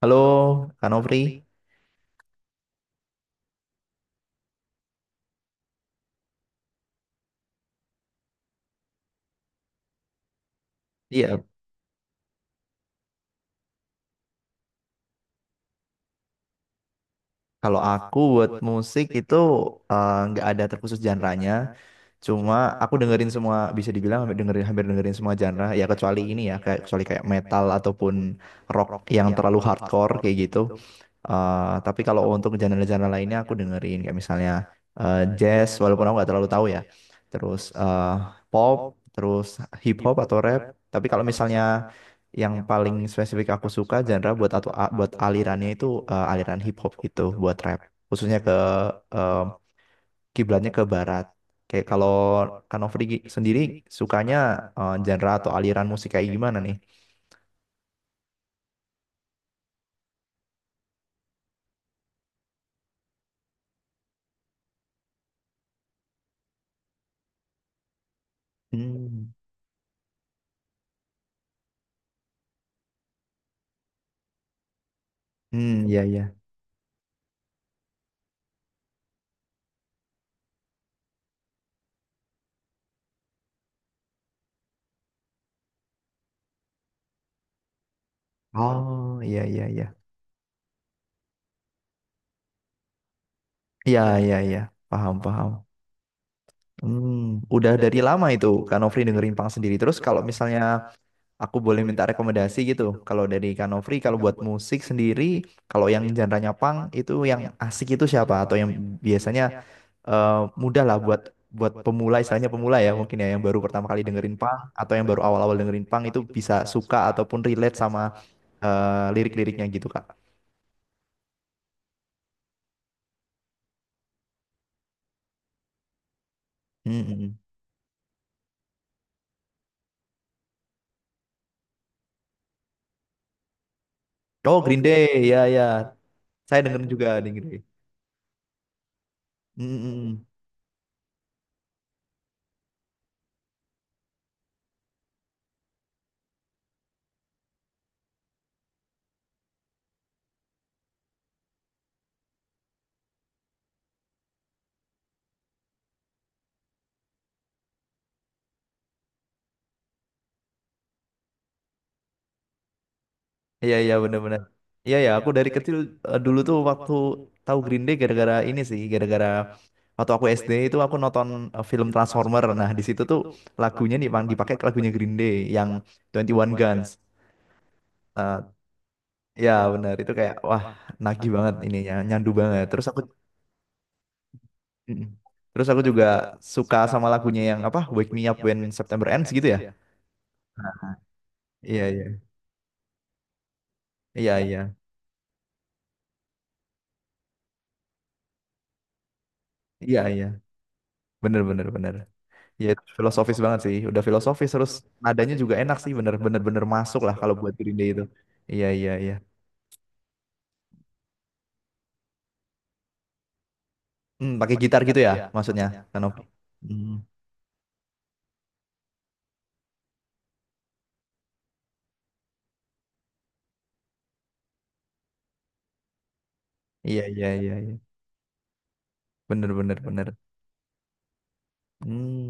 Halo, Kak Nopri. Iya, kalau aku buat musik itu nggak ada terkhusus genre-nya. Cuma aku dengerin semua, bisa dibilang hampir dengerin semua genre. Ya kecuali ini ya, kayak kecuali kayak metal ataupun rock yang terlalu hardcore kayak gitu. Tapi kalau untuk genre-genre lainnya aku dengerin kayak misalnya jazz, walaupun aku nggak terlalu tahu ya. Terus pop, terus hip hop atau rap. Tapi kalau misalnya yang paling spesifik aku suka genre buat atau buat alirannya itu aliran hip hop gitu buat rap khususnya ke eh, kiblatnya ke barat kayak kalau Kanofri sendiri sukanya genre atau aliran musik kayak gimana nih. Hmm, hmm, iya, iya. Oh, iya, iya, iya, iya, iya, iya. Paham, paham. Hmm. Udah dari lama itu Kanofri dengerin punk sendiri terus kalau misalnya aku boleh minta rekomendasi gitu. Kalau dari Kanofri, kalau buat musik sendiri, kalau yang genre-nya punk itu yang asik itu siapa? Atau yang biasanya eh, mudah lah buat buat pemula, istilahnya pemula ya mungkin ya, yang baru pertama kali dengerin punk atau yang baru awal-awal dengerin punk itu bisa suka ataupun relate sama lirik-liriknya gitu, Kak. Mm-mm. Oh, Green Day, ya, ya. Saya dengerin juga Green Day. Mm-mm. Iya, iya, bener-bener. Iya ya aku dari kecil dulu tuh waktu tahu Green Day gara-gara ini sih gara-gara waktu aku SD itu aku nonton film Transformer. Nah di situ tuh lagunya nih Bang, dipakai ke lagunya Green Day yang Twenty One Guns. Eh, Ya bener itu kayak wah nagih banget ininya nyandu banget. Terus aku mm. terus aku juga suka sama lagunya yang apa Wake Me Up When September Ends gitu ya. Iya, iya, iya, iya, iya, iya, bener bener bener. Ya, itu filosofis banget sih. Udah filosofis terus nadanya juga enak sih, bener-bener bener masuk lah kalau buat Green Day itu. Iya, iya, iya. Hmm, pakai gitar gitu ya maksudnya, Kanopi. Hmm, iya, iya, iya, iya. Bener bener bener. Hmm.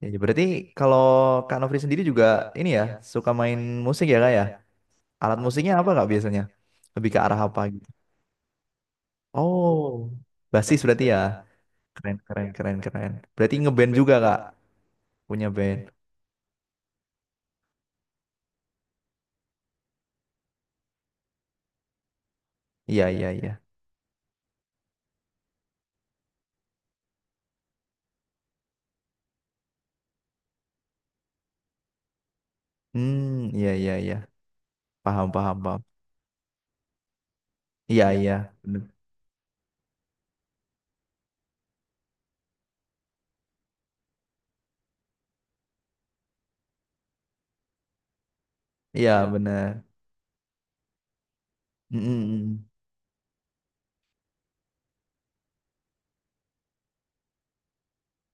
Ya, ya, berarti kalau Kak Nofri sendiri juga ini ya, suka main musik ya Kak ya? Alat musiknya apa Kak biasanya? Lebih ke arah apa gitu? Oh, basis berarti ya. Keren, keren, keren, keren. Berarti ngeband juga Kak, punya band. Iya, iya, iya. Hmm, iya, iya, iya. Paham, paham, paham. Iya, iya iya, kan, bener. Iya, iya, bener. Mm, mm, mm.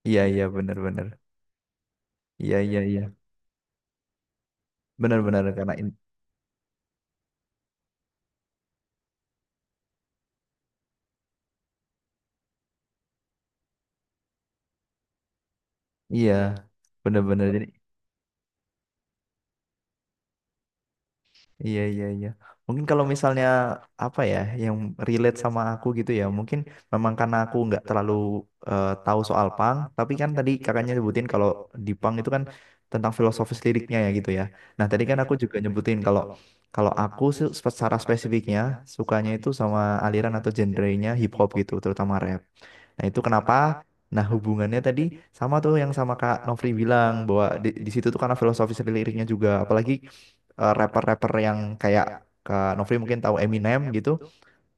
Iya, iya, bener, bener. Iya, iya, iya. Bener, bener, karena ini. Iya, bener, bener. Jadi, iya, iya, iya. Mungkin kalau misalnya apa ya yang relate sama aku gitu ya, mungkin memang karena aku nggak terlalu tahu soal punk, tapi kan tadi kakaknya nyebutin kalau di punk itu kan tentang filosofis liriknya ya gitu ya. Nah, tadi kan aku juga nyebutin kalau kalau aku secara spesifiknya sukanya itu sama aliran atau genrenya hip hop gitu, terutama rap. Nah, itu kenapa? Nah, hubungannya tadi sama tuh yang sama Kak Nofri bilang bahwa di situ tuh karena filosofis liriknya juga, apalagi rapper-rapper yang kayak Kak Nofri mungkin tahu Eminem gitu.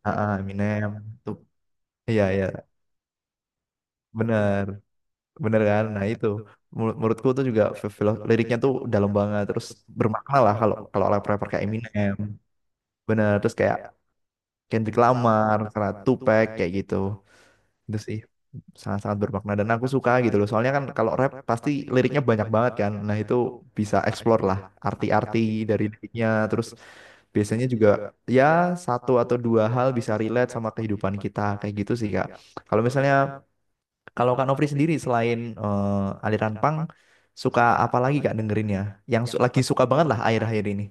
Ah, ah, Eminem. Tuh, iya, iya. Bener, bener kan? Nah itu, menurutku tuh juga liriknya tuh dalam banget, terus bermakna lah kalau kalau rapper-rapper kayak Eminem, bener. Terus kayak Kendrick Lamar, kayak Tupac kayak gitu. Itu sih sangat-sangat bermakna dan aku suka gitu loh soalnya kan kalau rap pasti liriknya banyak banget kan nah itu bisa explore lah arti-arti dari liriknya terus biasanya juga ya satu atau dua hal bisa relate sama kehidupan kita kayak gitu sih kak. Kalau misalnya kalau kak Nofri sendiri selain aliran punk suka apa lagi kak dengerinnya yang lagi suka banget lah akhir-akhir ini.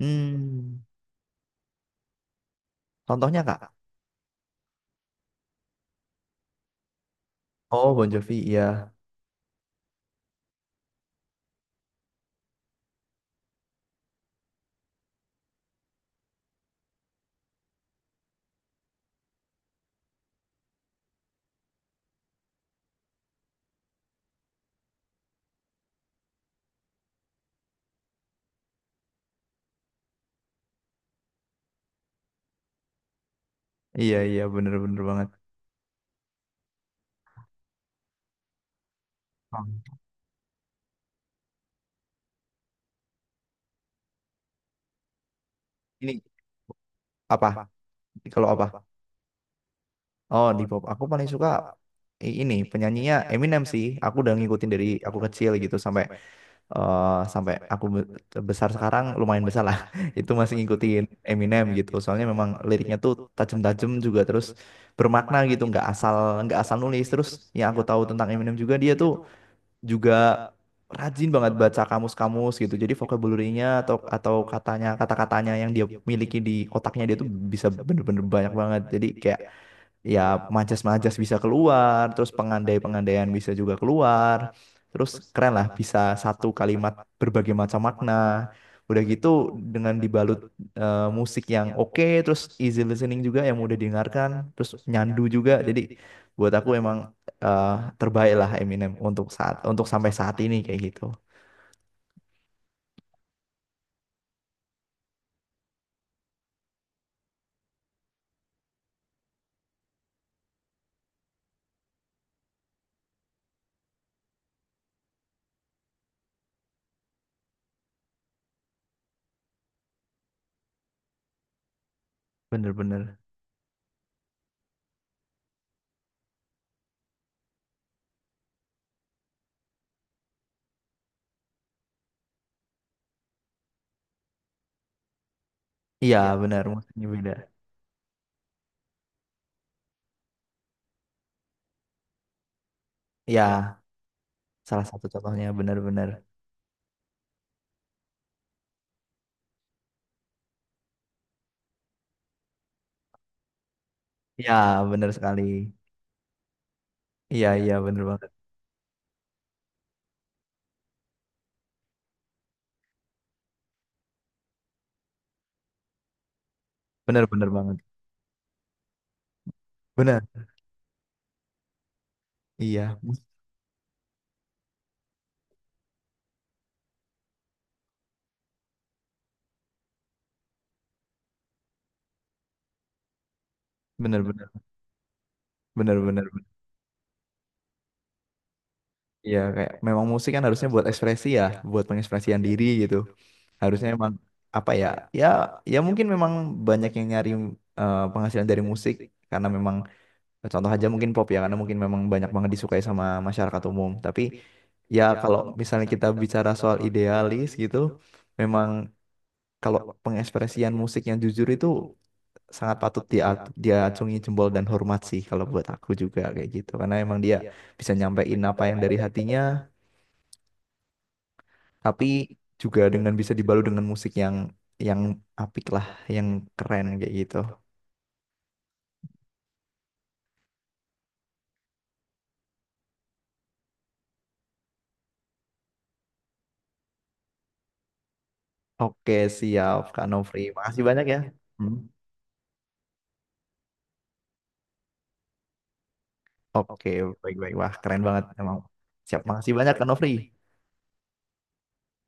Hmm, contohnya kak. Oh, Bon Jovi, iya, iya, iya, bener-bener banget. Hmm. Ini apa, kalau apa. Oh, di pop. Aku paling suka ini penyanyinya Eminem sih. Aku udah ngikutin dari aku kecil gitu sampai eh, sampai aku besar sekarang lumayan besar lah. Itu masih ngikutin Eminem gitu. Soalnya memang liriknya tuh tajam-tajam juga terus bermakna gitu. Nggak asal nulis. Terus yang aku tahu tentang Eminem juga dia tuh juga rajin banget baca kamus-kamus gitu. Jadi vocabulary-nya atau kata-katanya yang dia miliki di otaknya dia tuh bisa bener-bener banyak banget. Jadi kayak ya majas-majas bisa keluar, terus pengandai-pengandaian bisa juga keluar. Terus keren lah bisa satu kalimat berbagai macam makna. Udah gitu dengan dibalut musik yang oke, terus easy listening juga yang mudah didengarkan, terus nyandu juga. Jadi buat aku emang eh terbaik lah Eminem untuk sampai saat ini kayak gitu. Bener-bener. Iya, iya, bener musiknya beda. Iya, salah satu contohnya bener-bener. Iya bener sekali. Iya, iya, bener banget. Bener-bener banget. Bener. Iya bener-bener. Bener-bener. Iya kayak memang musik kan harusnya buat ekspresi ya, buat pengekspresian diri gitu. Harusnya emang apa ya? Ya, ya, mungkin memang banyak yang nyari penghasilan dari musik karena memang contoh aja mungkin pop ya, karena mungkin memang banyak banget disukai sama masyarakat umum. Tapi ya kalau misalnya kita bicara soal idealis gitu, memang kalau pengekspresian musik yang jujur itu sangat patut dia diacungi jempol dan hormat sih kalau buat aku juga kayak gitu. Karena emang dia bisa nyampein apa yang dari hatinya, tapi juga dengan bisa dibalut dengan musik yang apik lah, yang keren kayak gitu. Oke, siap Kak Nofri. Makasih banyak ya. Hmm. Oke, baik-baik. Wah, keren banget emang. Siap, makasih banyak, Kak Nofri.